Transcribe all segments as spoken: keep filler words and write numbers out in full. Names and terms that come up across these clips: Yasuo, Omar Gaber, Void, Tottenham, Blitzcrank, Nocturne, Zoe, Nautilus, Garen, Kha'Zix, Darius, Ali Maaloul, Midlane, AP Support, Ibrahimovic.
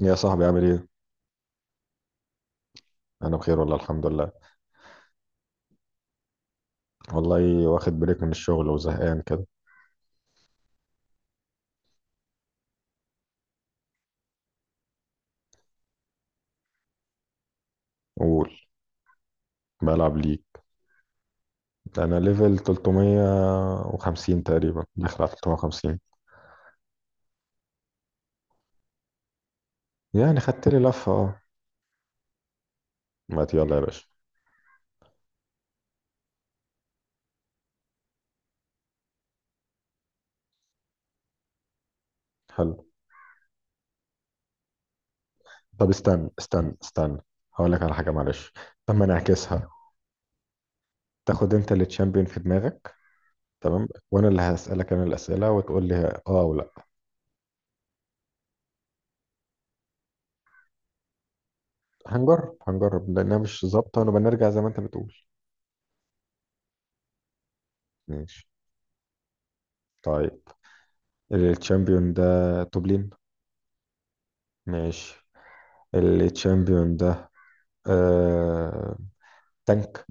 يا صاحبي عامل ايه؟ انا بخير والله الحمد لله. والله واخد بريك من الشغل وزهقان كده. قول. بلعب ليك. انا ليفل ثلاثمية وخمسين تقريبا، داخل على ثلاثمية وخمسين. يعني خدت لي لفة، اه. ما ت- يلا يا باشا. حلو. طب استنى استنى استنى، هقول لك على حاجة معلش. طب ما نعكسها؟ تاخد انت اللي تشامبيون في دماغك، تمام، وانا اللي هسألك، انا الأسئلة، وتقول لي اه او لا. هنجرب هنجرب لانها مش ظابطة، ونبقى نرجع زي ما انت بتقول. ماشي. طيب الشامبيون ده توب لين؟ ماشي. التشامبيون ده آه... تانك؟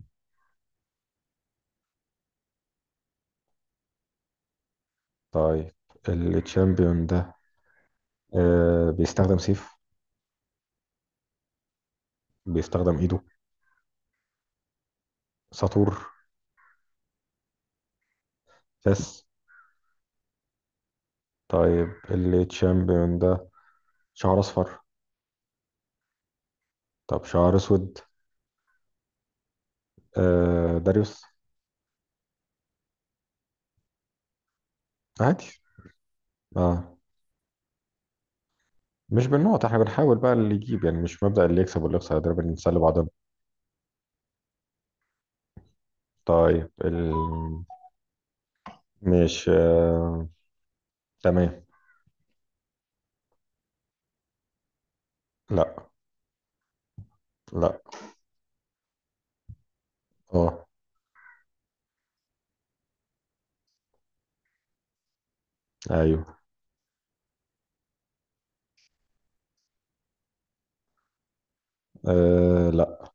طيب التشامبيون ده آه... بيستخدم سيف؟ بيستخدم ايده؟ ساطور؟ فاس؟ طيب التشامبيون ده شعر اصفر؟ طب شعر اسود؟ آه... داريوس؟ عادي. اه. مش بالنقط، احنا بنحاول بقى اللي يجيب، يعني مش مبدأ اللي يكسب واللي يخسر ده، بنسلي بعضنا. طيب ال... مش آه... تمام. لا. لا. اه. ايوه. آه... لا.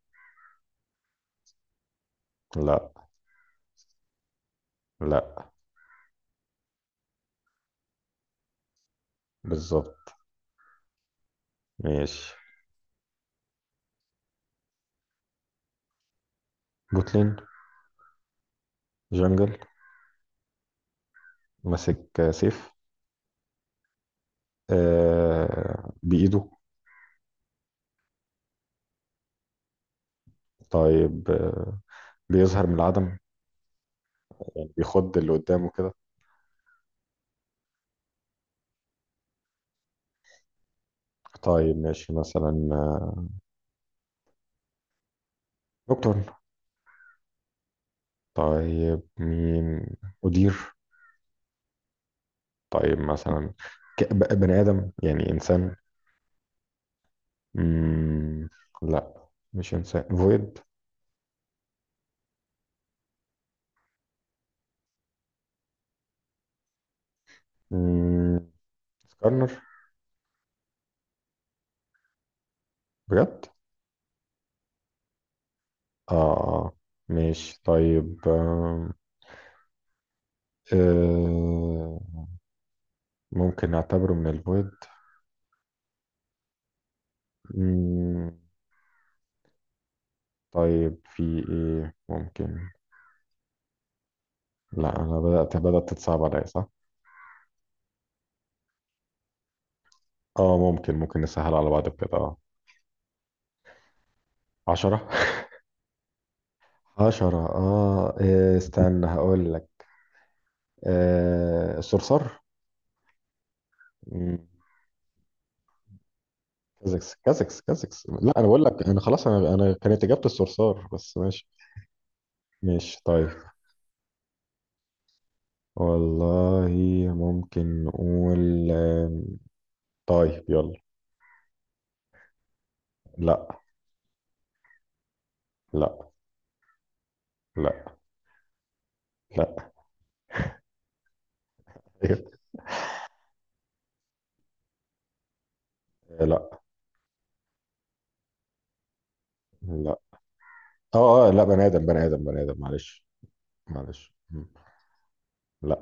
لا. لا. بالظبط. ماشي. جوتلين. جنجل. ماسك سيف؟ آه بإيده. طيب آه، بيظهر من العدم، يعني بيخض اللي قدامه كده. طيب ماشي، مثلا آه، نوكتورن. طيب مين؟ أدير؟ طيب مثلا ك- ب- بني آدم، يعني إنسان. مم. لا. مش إنسان، فويد. مم. سكارنر. بجد. آه. آه، ماشي. طيب آه. آه. ممكن نعتبره من الفويد. مم، طيب في ايه ممكن؟ لا، انا بدأت بدأت تتصعب عليا، صح. اه، ممكن ممكن نسهل على بعض كده. اه. عشرة عشرة، اه إيه، استنى هقول لك. آه، الصرصار. مم، كازكس كازكس كازكس. لا انا بقول لك، انا خلاص، انا انا كانت اجابة الصرصار، بس ماشي. ماشي. طيب. والله، ممكن نقول آم، طيب يلا. لا. لا. لا. لا. لا. لا. اه اه، لا بني ادم، بني ادم، بني ادم، معلش. معلش. مم. لا.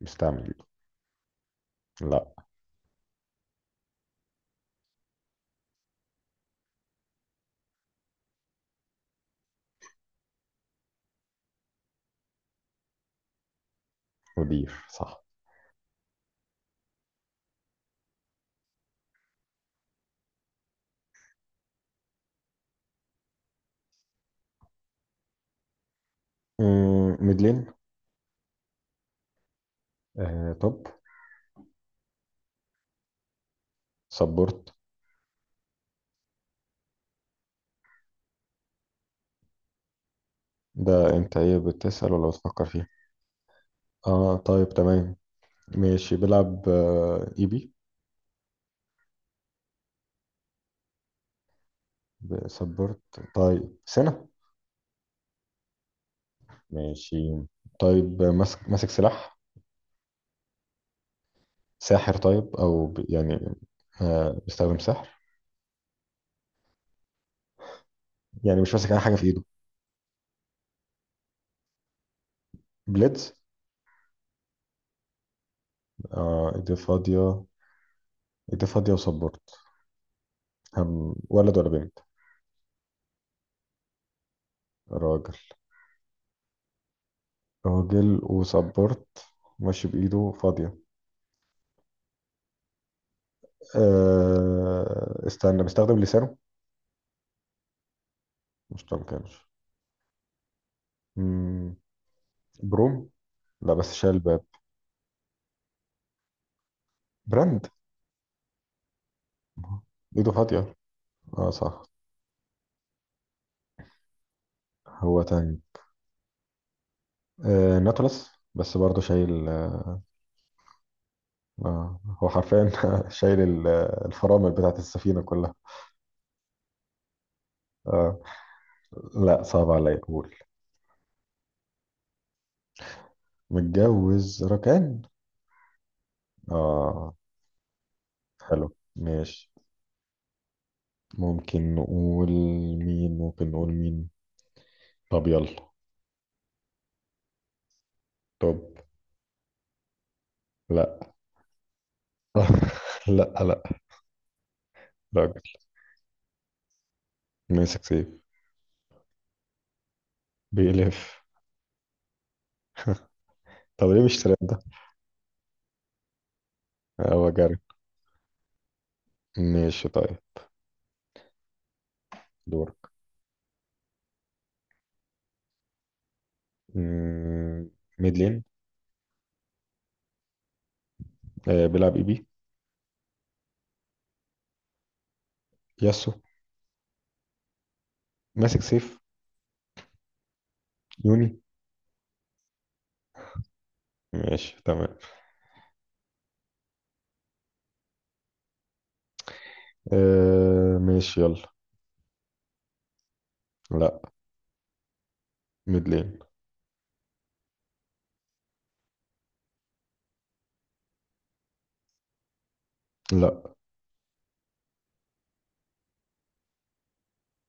مستعمل. لا. مدير، صح. مم، ميدلين. آه طب. سبورت. ده انت ايه، بتسأل ولا بتفكر فيه؟ اه طيب تمام. ماشي، بيلعب آه اي بي؟ سبورت؟ طيب سنة؟ ماشي. طيب آه، ماسك ماسك سلاح؟ ساحر؟ طيب او ب... يعني آه، بيستخدم سحر؟ يعني مش ماسك اي حاجة في ايده؟ بليدز؟ اه، ايديه فاضية. ايديه فاضية وسبورت. هم ولد ولا بنت؟ راجل. راجل وسبورت، ماشي، بإيده فاضية. أه استنى، بيستخدم لسانه؟ مش ما كانش. مم، بروم. لا، بس شال باب. براند. إيده فاضية؟ اه صح. هو تاني؟ أه ناتولس، بس برضه شايل. آه هو حرفيا شايل ال- الفرامل بتاعت السفينة كلها. آه. لا، صعب عليا، قول. متجوز؟ ركان. اه. حلو. ماشي. ممكن نقول مين؟ ممكن نقول مين؟ طب يلا. طب. لا. لا. لا. راجل، ماسك سيف، بيلف. طب ليه مش ترند ده؟ هو جري. ماشي طيب، دورك. مم، ميد لين. آه، بيلعب اي بي؟ ياسو؟ ماسك سيف؟ يوني. ماشي تمام. آه ماشي يلا. لا. ميد لين. لا.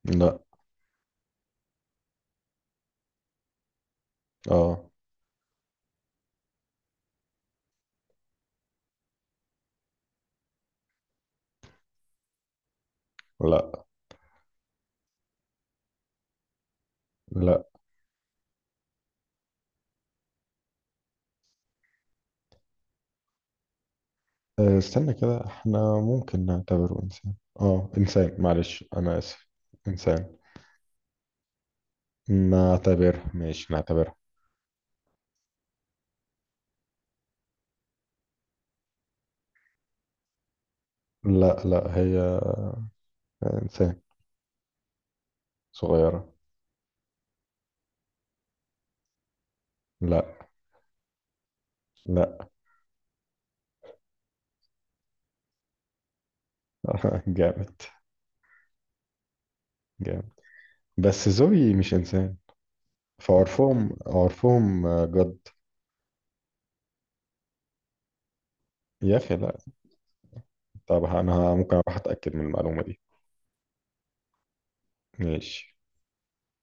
لا. اه. لا. لا. أه، استنى كده، احنا ممكن نعتبره انسان. اه انسان، معلش، انا اسف. انسان. نعتبرها، ماشي، نعتبرها. لا لا، هي انسان. صغيرة. لا. لا. جامد. جامد. بس زوي مش انسان. فعرفهم عرفهم آه، جد. يا اخي لا. طب انا ممكن اروح اتاكد من المعلومة دي. ماشي.